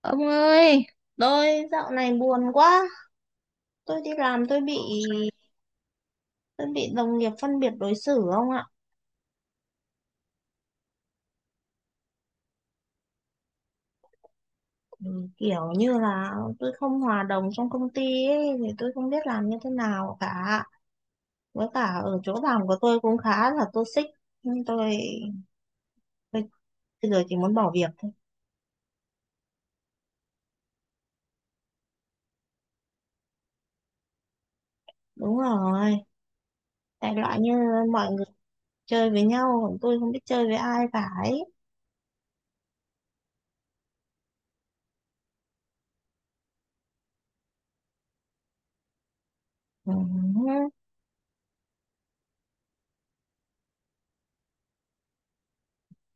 Ông ơi, tôi dạo này buồn quá. Tôi đi làm tôi bị bị đồng nghiệp phân biệt đối xử ông ạ. Ừ, kiểu như là tôi không hòa đồng trong công ty ấy, thì tôi không biết làm như thế nào cả. Với cả ở chỗ làm của tôi cũng khá là toxic. Nhưng tôi bây giờ chỉ muốn bỏ việc thôi. Đúng rồi. Đại loại như mọi người chơi với nhau, còn tôi không biết chơi với ai cả ấy. Ừ.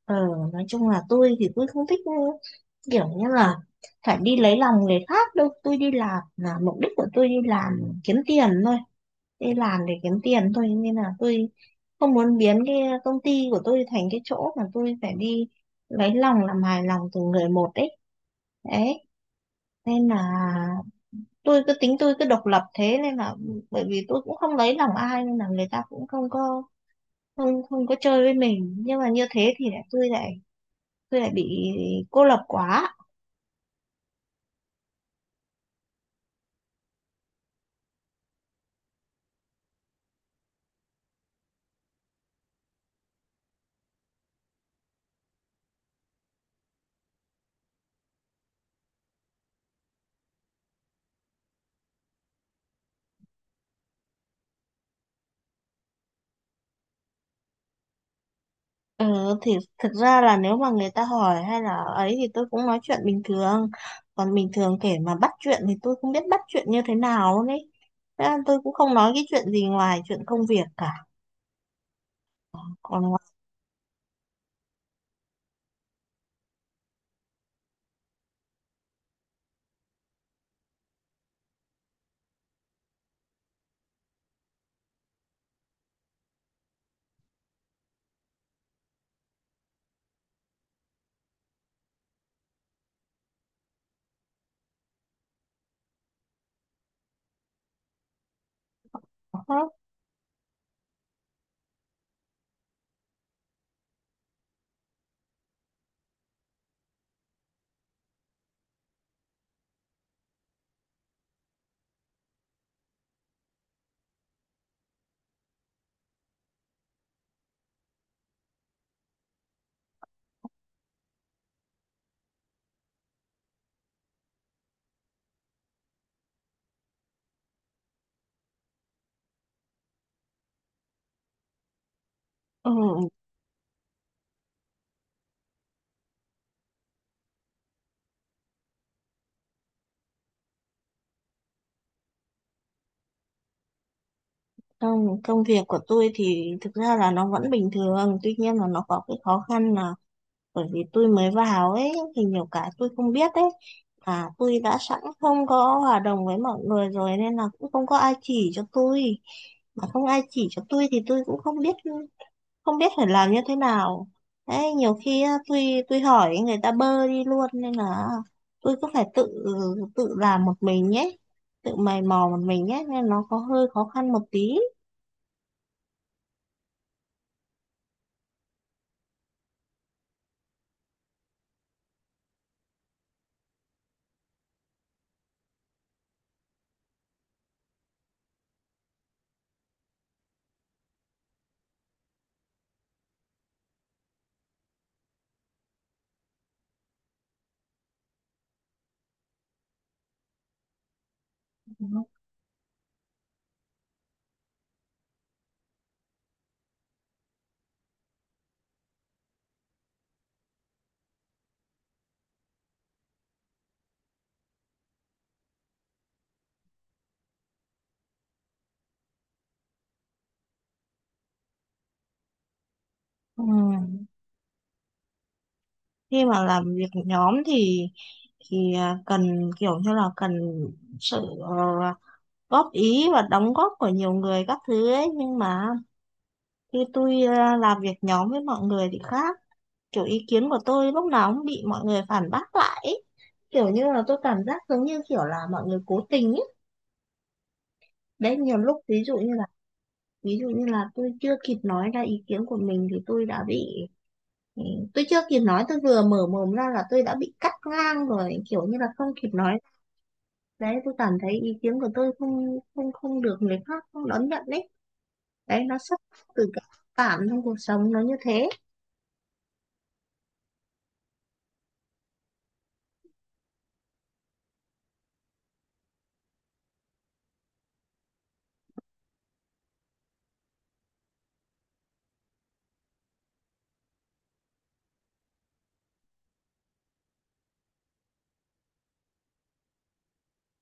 Ờ, nói chung là tôi thì tôi không thích kiểu như là phải đi lấy lòng người khác đâu. Tôi đi làm là mục đích của tôi đi làm kiếm tiền thôi, đi làm để kiếm tiền thôi, nên là tôi không muốn biến cái công ty của tôi thành cái chỗ mà tôi phải đi lấy lòng, làm hài lòng từng người một ấy, đấy. Nên là tôi cứ tính tôi cứ độc lập, thế nên là bởi vì tôi cũng không lấy lòng ai nên là người ta cũng không có, không không có chơi với mình, nhưng mà như thế thì lại tôi lại bị cô lập quá. ừ, thì thực ra là nếu mà người ta hỏi hay là ấy thì tôi cũng nói chuyện bình thường, còn bình thường kể mà bắt chuyện thì tôi không biết bắt chuyện như thế nào luôn ấy. Thế nên tôi cũng không nói cái chuyện gì ngoài chuyện công việc cả. Còn ngoài đó, ừ, công việc của tôi thì thực ra là nó vẫn bình thường, tuy nhiên là nó có cái khó khăn là bởi vì tôi mới vào ấy thì nhiều cái tôi không biết ấy, và tôi đã sẵn không có hòa đồng với mọi người rồi nên là cũng không có ai chỉ cho tôi. Mà không ai chỉ cho tôi thì tôi cũng không biết, không biết phải làm như thế nào. Đấy, nhiều khi á, tôi hỏi người ta bơ đi luôn, nên là tôi cứ phải tự tự làm một mình nhé, tự mày mò một mình nhé, nên nó có hơi khó khăn một tí. Ừ. Khi mà làm việc nhóm thì cần kiểu như là cần sự ờ, góp ý và đóng góp của nhiều người các thứ ấy, nhưng mà khi tôi làm việc nhóm với mọi người thì khác, kiểu ý kiến của tôi lúc nào cũng bị mọi người phản bác lại ấy. Kiểu như là tôi cảm giác giống như kiểu là mọi người cố tình ấy. Đấy, nhiều lúc ví dụ như là tôi chưa kịp nói ra ý kiến của mình thì tôi đã bị Ừ, tôi chưa kịp nói, tôi vừa mở mồm ra là tôi đã bị cắt ngang rồi, kiểu như là không kịp nói. Đấy, tôi cảm thấy ý kiến của tôi không không không được người khác không đón nhận đấy. Đấy, nó xuất phát từ cái cảm trong cuộc sống nó như thế.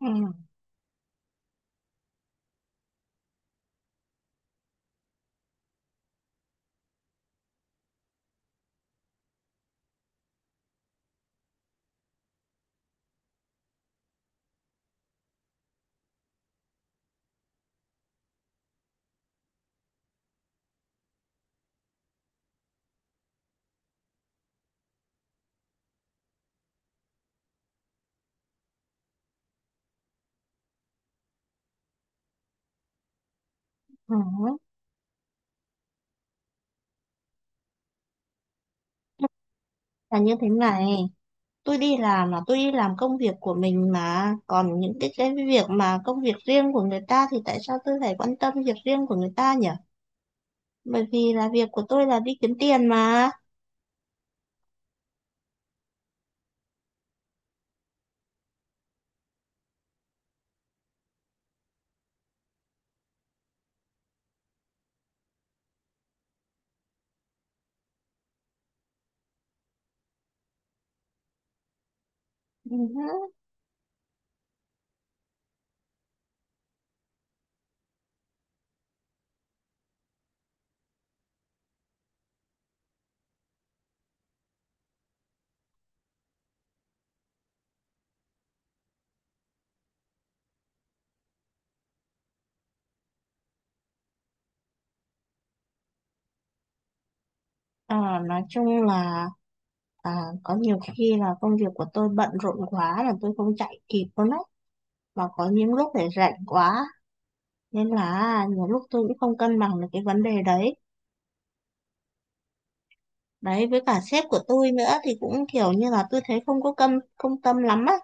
Ừ. Ừ. Là như thế này, tôi đi làm là tôi đi làm công việc của mình, mà còn những cái việc mà công việc riêng của người ta thì tại sao tôi phải quan tâm việc riêng của người ta nhỉ? Bởi vì là việc của tôi là đi kiếm tiền mà. Ừ. Ờ, nói chung là có nhiều khi là công việc của tôi bận rộn quá là tôi không chạy kịp luôn đấy, và có những lúc để rảnh quá, nên là nhiều lúc tôi cũng không cân bằng được cái vấn đề đấy. Đấy, với cả sếp của tôi nữa thì cũng kiểu như là tôi thấy không có công tâm lắm á.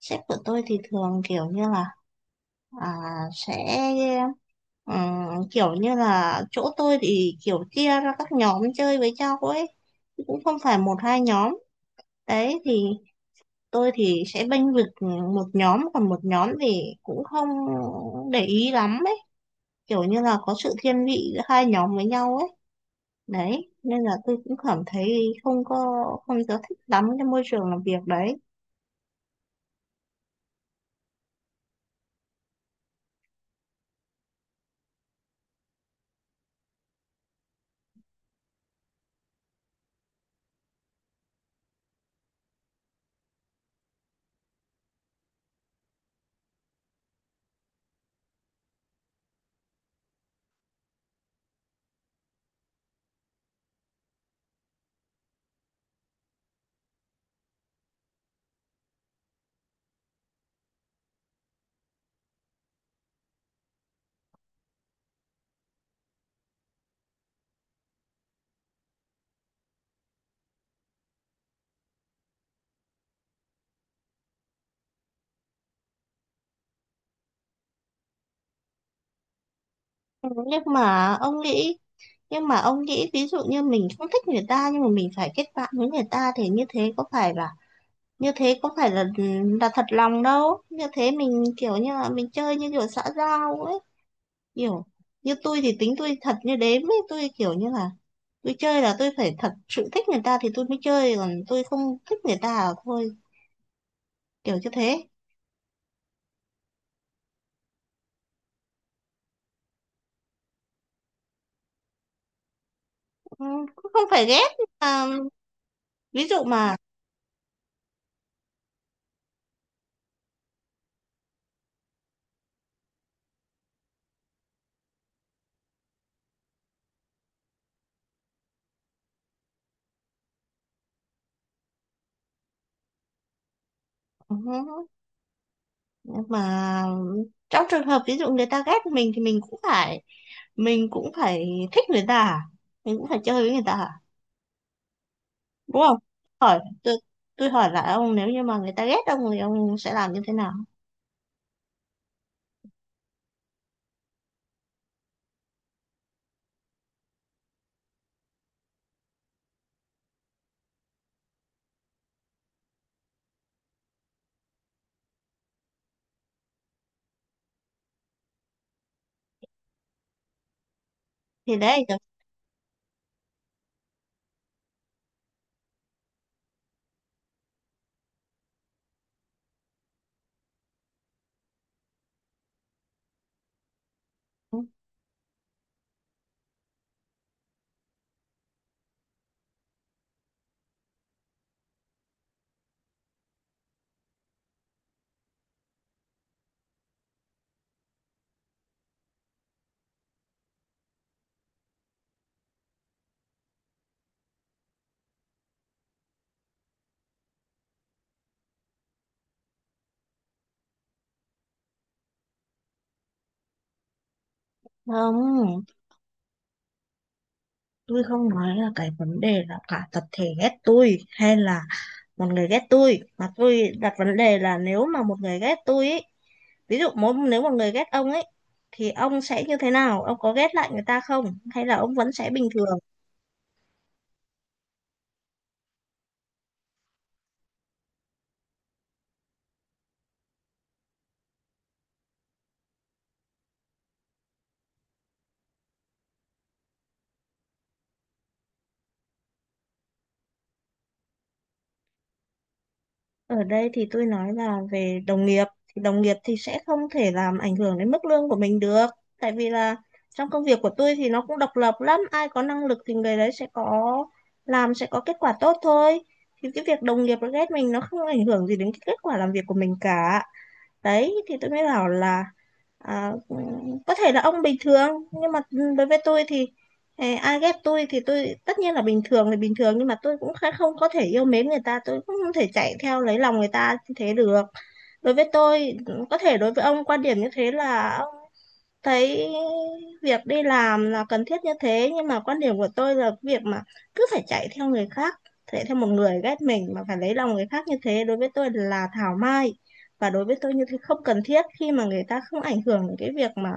Sếp của tôi thì thường kiểu như là à, sẽ ừ, kiểu như là chỗ tôi thì kiểu chia ra các nhóm chơi với nhau ấy, chứ cũng không phải một hai nhóm. Đấy thì tôi thì sẽ bênh vực một nhóm, còn một nhóm thì cũng không để ý lắm ấy, kiểu như là có sự thiên vị giữa hai nhóm với nhau ấy. Đấy nên là tôi cũng cảm thấy không có, không có thích lắm cái môi trường làm việc đấy. Ừ, nhưng mà ông nghĩ nhưng mà ông nghĩ ví dụ như mình không thích người ta nhưng mà mình phải kết bạn với người ta thì như thế có phải là như thế có phải là ừ, là thật lòng đâu, như thế mình kiểu như là mình chơi như kiểu xã giao ấy, kiểu như tôi thì tính tôi thật như đếm ấy, tôi kiểu như là tôi chơi là tôi phải thật sự thích người ta thì tôi mới chơi, còn tôi không thích người ta là thôi, kiểu như thế. Ừ, cũng không phải ghét nhưng mà ví dụ mà ừ, mà trong trường hợp ví dụ người ta ghét mình thì mình cũng phải mình cũng phải thích người ta à? Mình cũng phải chơi với người ta à? Đúng không? Hỏi tôi hỏi lại ông nếu như mà người ta ghét ông thì ông sẽ làm như thế nào? Thì đấy được không, tôi không nói là cái vấn đề là cả tập thể ghét tôi hay là một người ghét tôi, mà tôi đặt vấn đề là nếu mà một người ghét tôi ấy, ví dụ mỗi nếu một người ghét ông ấy thì ông sẽ như thế nào, ông có ghét lại người ta không hay là ông vẫn sẽ bình thường? Ở đây thì tôi nói là về đồng nghiệp thì sẽ không thể làm ảnh hưởng đến mức lương của mình được, tại vì là trong công việc của tôi thì nó cũng độc lập lắm, ai có năng lực thì người đấy sẽ có làm sẽ có kết quả tốt thôi. Thì cái việc đồng nghiệp nó ghét mình nó không ảnh hưởng gì đến cái kết quả làm việc của mình cả. Đấy thì tôi mới bảo là à, có thể là ông bình thường nhưng mà đối với tôi thì ai ghét tôi thì tôi tất nhiên là bình thường thì bình thường, nhưng mà tôi cũng không có thể yêu mến người ta, tôi cũng không thể chạy theo lấy lòng người ta như thế được. Đối với tôi, có thể đối với ông quan điểm như thế là thấy việc đi làm là cần thiết như thế, nhưng mà quan điểm của tôi là việc mà cứ phải chạy theo người khác, chạy theo một người ghét mình mà phải lấy lòng người khác như thế đối với tôi là thảo mai, và đối với tôi như thế không cần thiết khi mà người ta không ảnh hưởng đến cái việc mà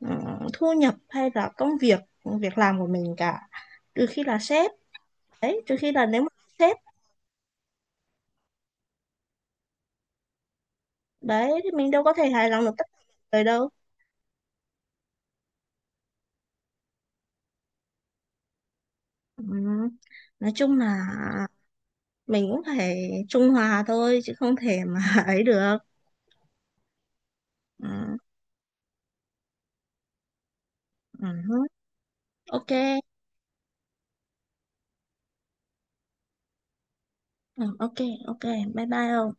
ừ, thu nhập hay là công việc, việc làm của mình cả, trừ khi là sếp. Đấy, trừ khi là nếu mà sếp. Đấy thì mình đâu có thể hài lòng được tất cả mọi người đâu. Ừ. Nói chung là mình cũng phải trung hòa thôi chứ không thể mà ấy được. ừ, ừ, ok. Ừ, ok. Ok, bye bye ông.